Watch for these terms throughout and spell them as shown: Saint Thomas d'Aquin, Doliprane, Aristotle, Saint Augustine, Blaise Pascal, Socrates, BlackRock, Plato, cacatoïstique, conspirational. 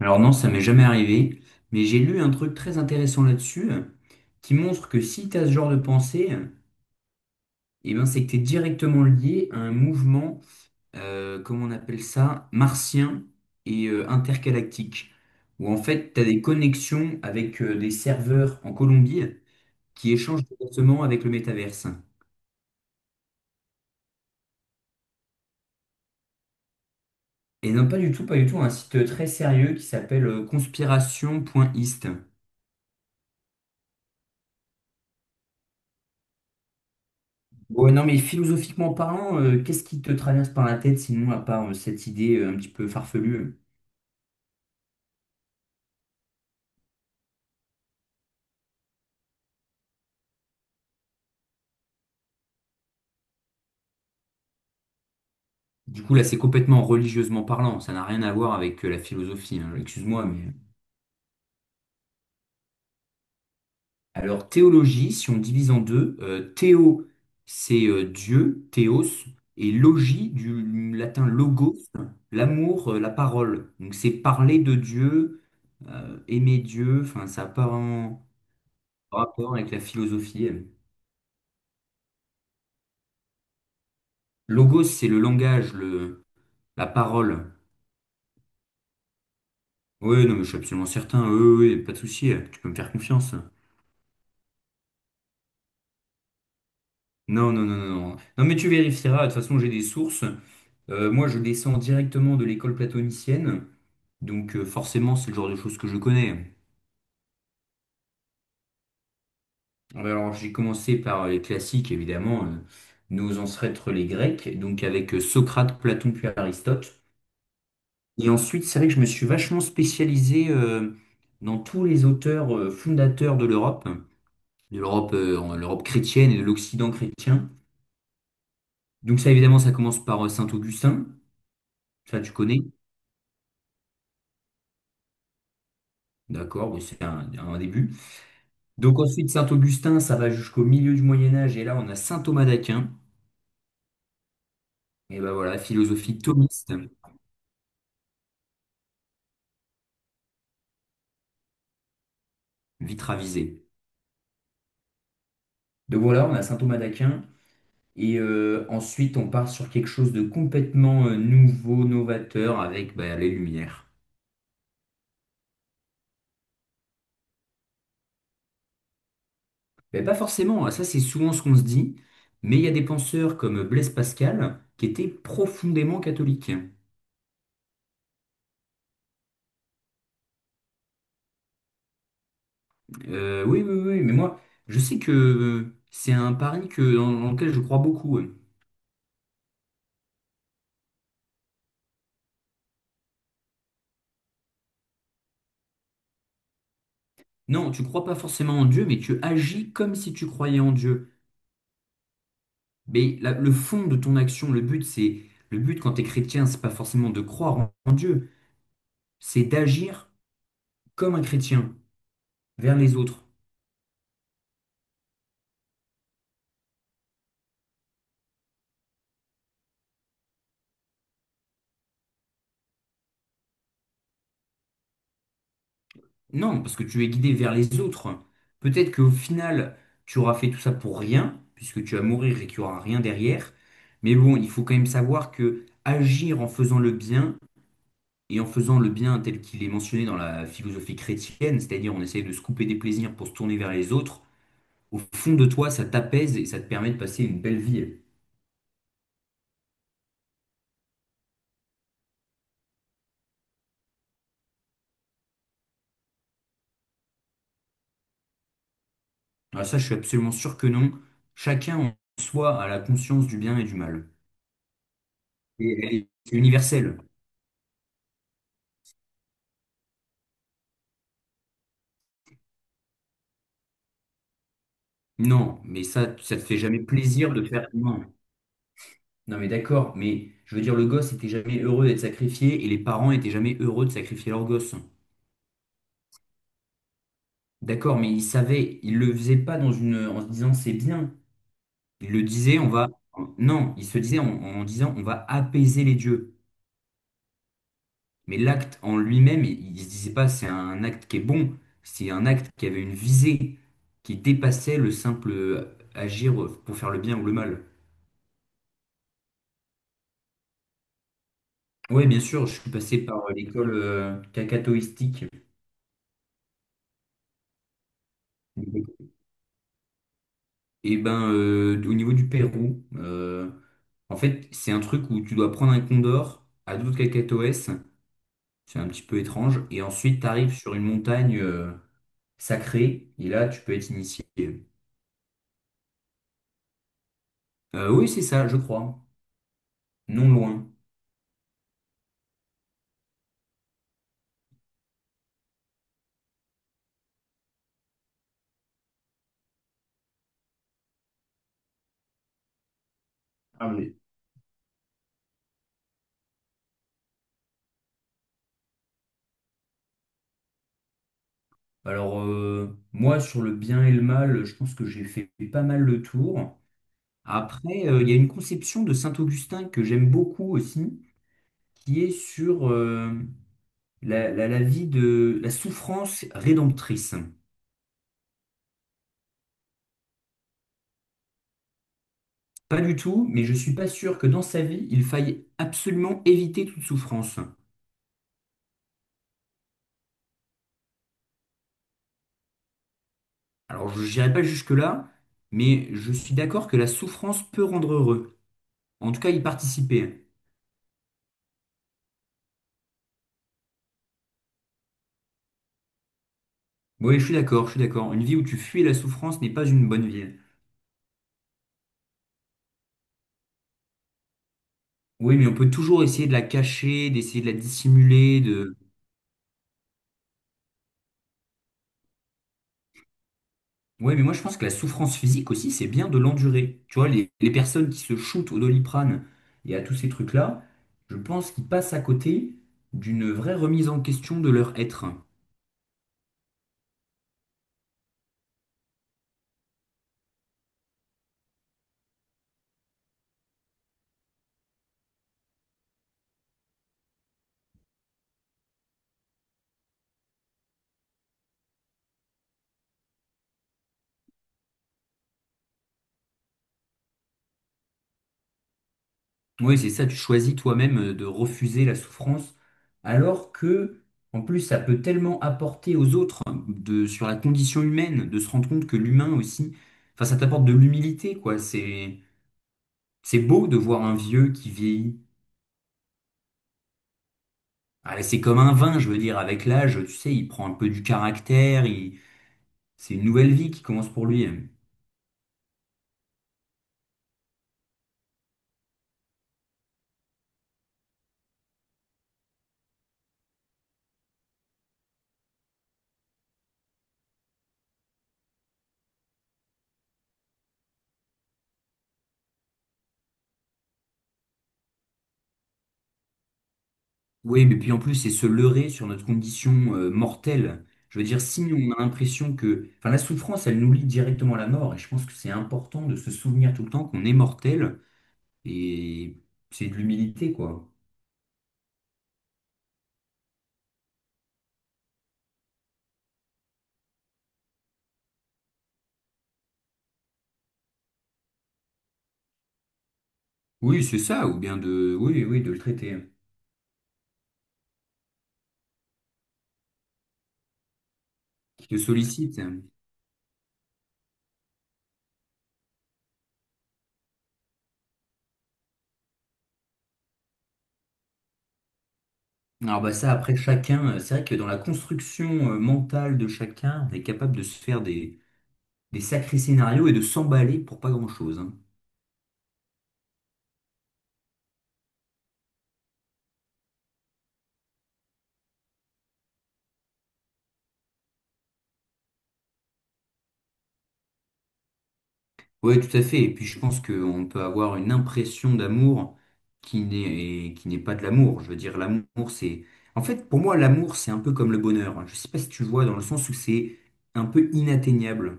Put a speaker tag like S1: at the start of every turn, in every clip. S1: Alors non, ça m'est jamais arrivé, mais j'ai lu un truc très intéressant là-dessus, qui montre que si tu as ce genre de pensée, eh ben c'est que tu es directement lié à un mouvement, comment on appelle ça, martien et intergalactique, où en fait tu as des connexions avec des serveurs en Colombie qui échangent directement avec le métaverse. Et non, pas du tout, pas du tout, un site très sérieux qui s'appelle conspiration.ist. Bon non, mais philosophiquement parlant, qu'est-ce qui te traverse par la tête sinon à part cette idée un petit peu farfelue? Du coup, là, c'est complètement religieusement parlant, ça n'a rien à voir avec la philosophie, hein, excuse-moi, mais. Alors, théologie, si on divise en deux, théo, c'est Dieu, théos, et logie, du latin logos, l'amour, la parole. Donc, c'est parler de Dieu, aimer Dieu, enfin, ça n'a pas vraiment rapport avec la philosophie. Elle. Logos, c'est le langage, le... la parole. Oui, non, mais je suis absolument certain. Oui, oui, oui, pas de souci. Tu peux me faire confiance. Non, non, non, non, non. Non, mais tu vérifieras. De toute façon, j'ai des sources. Moi, je descends directement de l'école platonicienne. Donc, forcément, c'est le genre de choses que je connais. Ouais, alors, j'ai commencé par les classiques, évidemment. Nos ancêtres, les Grecs. Donc, avec Socrate, Platon, puis Aristote. Et ensuite, c'est vrai que je me suis vachement spécialisé dans tous les auteurs fondateurs de l'Europe. De l'Europe l'Europe chrétienne et de l'Occident chrétien. Donc ça, évidemment, ça commence par Saint-Augustin. Ça, tu connais. D'accord, oui, c'est un début. Donc ensuite, Saint-Augustin, ça va jusqu'au milieu du Moyen Âge. Et là, on a Saint Thomas d'Aquin. Et ben voilà, philosophie thomiste, vite ravisée. Donc voilà, on a Saint Thomas d'Aquin. Et ensuite, on part sur quelque chose de complètement nouveau, novateur, avec bah, les Lumières. Mais pas forcément, hein. Ça c'est souvent ce qu'on se dit. Mais il y a des penseurs comme Blaise Pascal qui étaient profondément catholiques. Oui, oui, oui, mais moi, je sais que c'est un pari que, dans lequel je crois beaucoup. Non, tu crois pas forcément en Dieu, mais tu agis comme si tu croyais en Dieu. Le fond de ton action, le but quand tu es chrétien, c'est pas forcément de croire en Dieu, c'est d'agir comme un chrétien vers les autres. Non, parce que tu es guidé vers les autres. Peut-être qu'au final, tu auras fait tout ça pour rien, puisque tu vas mourir et qu'il n'y aura rien derrière. Mais bon, il faut quand même savoir que agir en faisant le bien et en faisant le bien tel qu'il est mentionné dans la philosophie chrétienne, c'est-à-dire on essaye de se couper des plaisirs pour se tourner vers les autres, au fond de toi, ça t'apaise et ça te permet de passer une belle vie. Alors ça, je suis absolument sûr que non. Chacun en soi a la conscience du bien et du mal. Et elle est C'est universel. Non, mais ça te fait jamais plaisir de faire. Non, non, mais d'accord, mais je veux dire, le gosse était jamais heureux d'être sacrifié et les parents étaient jamais heureux de sacrifier leur gosse. D'accord, mais ils savaient, ils le faisaient pas dans une, en se disant c'est bien. Il le disait, on va. Non, il se disait en disant on va apaiser les dieux. Mais l'acte en lui-même, il ne se disait pas c'est un acte qui est bon, c'est un acte qui avait une visée, qui dépassait le simple agir pour faire le bien ou le mal. Oui, bien sûr, je suis passé par l'école cacatoïstique. Et ben, au niveau du Pérou, en fait, c'est un truc où tu dois prendre un condor à d'autres cacatoès, c'est un petit peu étrange, et ensuite tu arrives sur une montagne, sacré, et là, tu peux être initié. Oui, c'est ça, je crois. Non loin. Ah, mais alors, moi, sur le bien et le mal, je pense que j'ai fait pas mal le tour. Après, il y a une conception de Saint-Augustin que j'aime beaucoup aussi, qui est sur la vie de la souffrance rédemptrice. Pas du tout, mais je suis pas sûr que dans sa vie, il faille absolument éviter toute souffrance. Alors, je n'irai pas jusque-là, mais je suis d'accord que la souffrance peut rendre heureux. En tout cas, y participer. Oui, je suis d'accord, je suis d'accord. Une vie où tu fuis la souffrance n'est pas une bonne vie. Oui, mais on peut toujours essayer de la cacher, d'essayer de la dissimuler, de... Oui, mais moi je pense que la souffrance physique aussi, c'est bien de l'endurer. Tu vois, les personnes qui se shootent au Doliprane et à tous ces trucs-là, je pense qu'ils passent à côté d'une vraie remise en question de leur être. Oui, c'est ça, tu choisis toi-même de refuser la souffrance, alors que, en plus, ça peut tellement apporter aux autres hein, de, sur la condition humaine, de se rendre compte que l'humain aussi, enfin, ça t'apporte de l'humilité, quoi. C'est beau de voir un vieux qui vieillit. Ah, c'est comme un vin, je veux dire, avec l'âge, tu sais, il prend un peu du caractère, c'est une nouvelle vie qui commence pour lui, hein. Oui, mais puis en plus, c'est se leurrer sur notre condition mortelle. Je veux dire, si on a l'impression que... Enfin, la souffrance, elle nous lie directement à la mort, et je pense que c'est important de se souvenir tout le temps qu'on est mortel, et c'est de l'humilité, quoi. Oui, c'est ça, ou bien de... Oui, oui, de le traiter, qui te sollicite. Alors bah ça, après, chacun, c'est vrai que dans la construction mentale de chacun, on est capable de se faire des sacrés scénarios et de s'emballer pour pas grand-chose, hein. Oui, tout à fait. Et puis je pense qu'on peut avoir une impression d'amour qui n'est pas de l'amour. Je veux dire, l'amour, c'est... En fait, pour moi, l'amour, c'est un peu comme le bonheur, hein. Je sais pas si tu vois, dans le sens où c'est un peu inatteignable.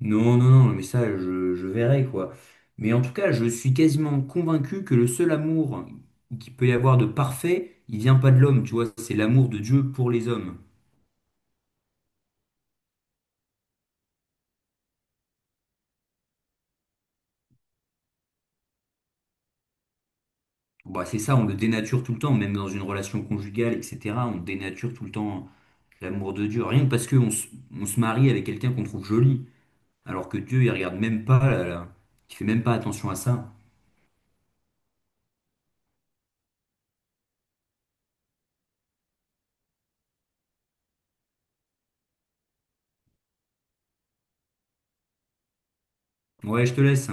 S1: Non, non, non, mais ça, je verrai, quoi. Mais en tout cas, je suis quasiment convaincu que le seul amour qu'il peut y avoir de parfait, il vient pas de l'homme, tu vois, c'est l'amour de Dieu pour les hommes. Bah, c'est ça, on le dénature tout le temps, même dans une relation conjugale, etc. On dénature tout le temps l'amour de Dieu, rien que parce on se marie avec quelqu'un qu'on trouve joli, alors que Dieu, il regarde même pas, là. Il fait même pas attention à ça. Ouais, je te laisse.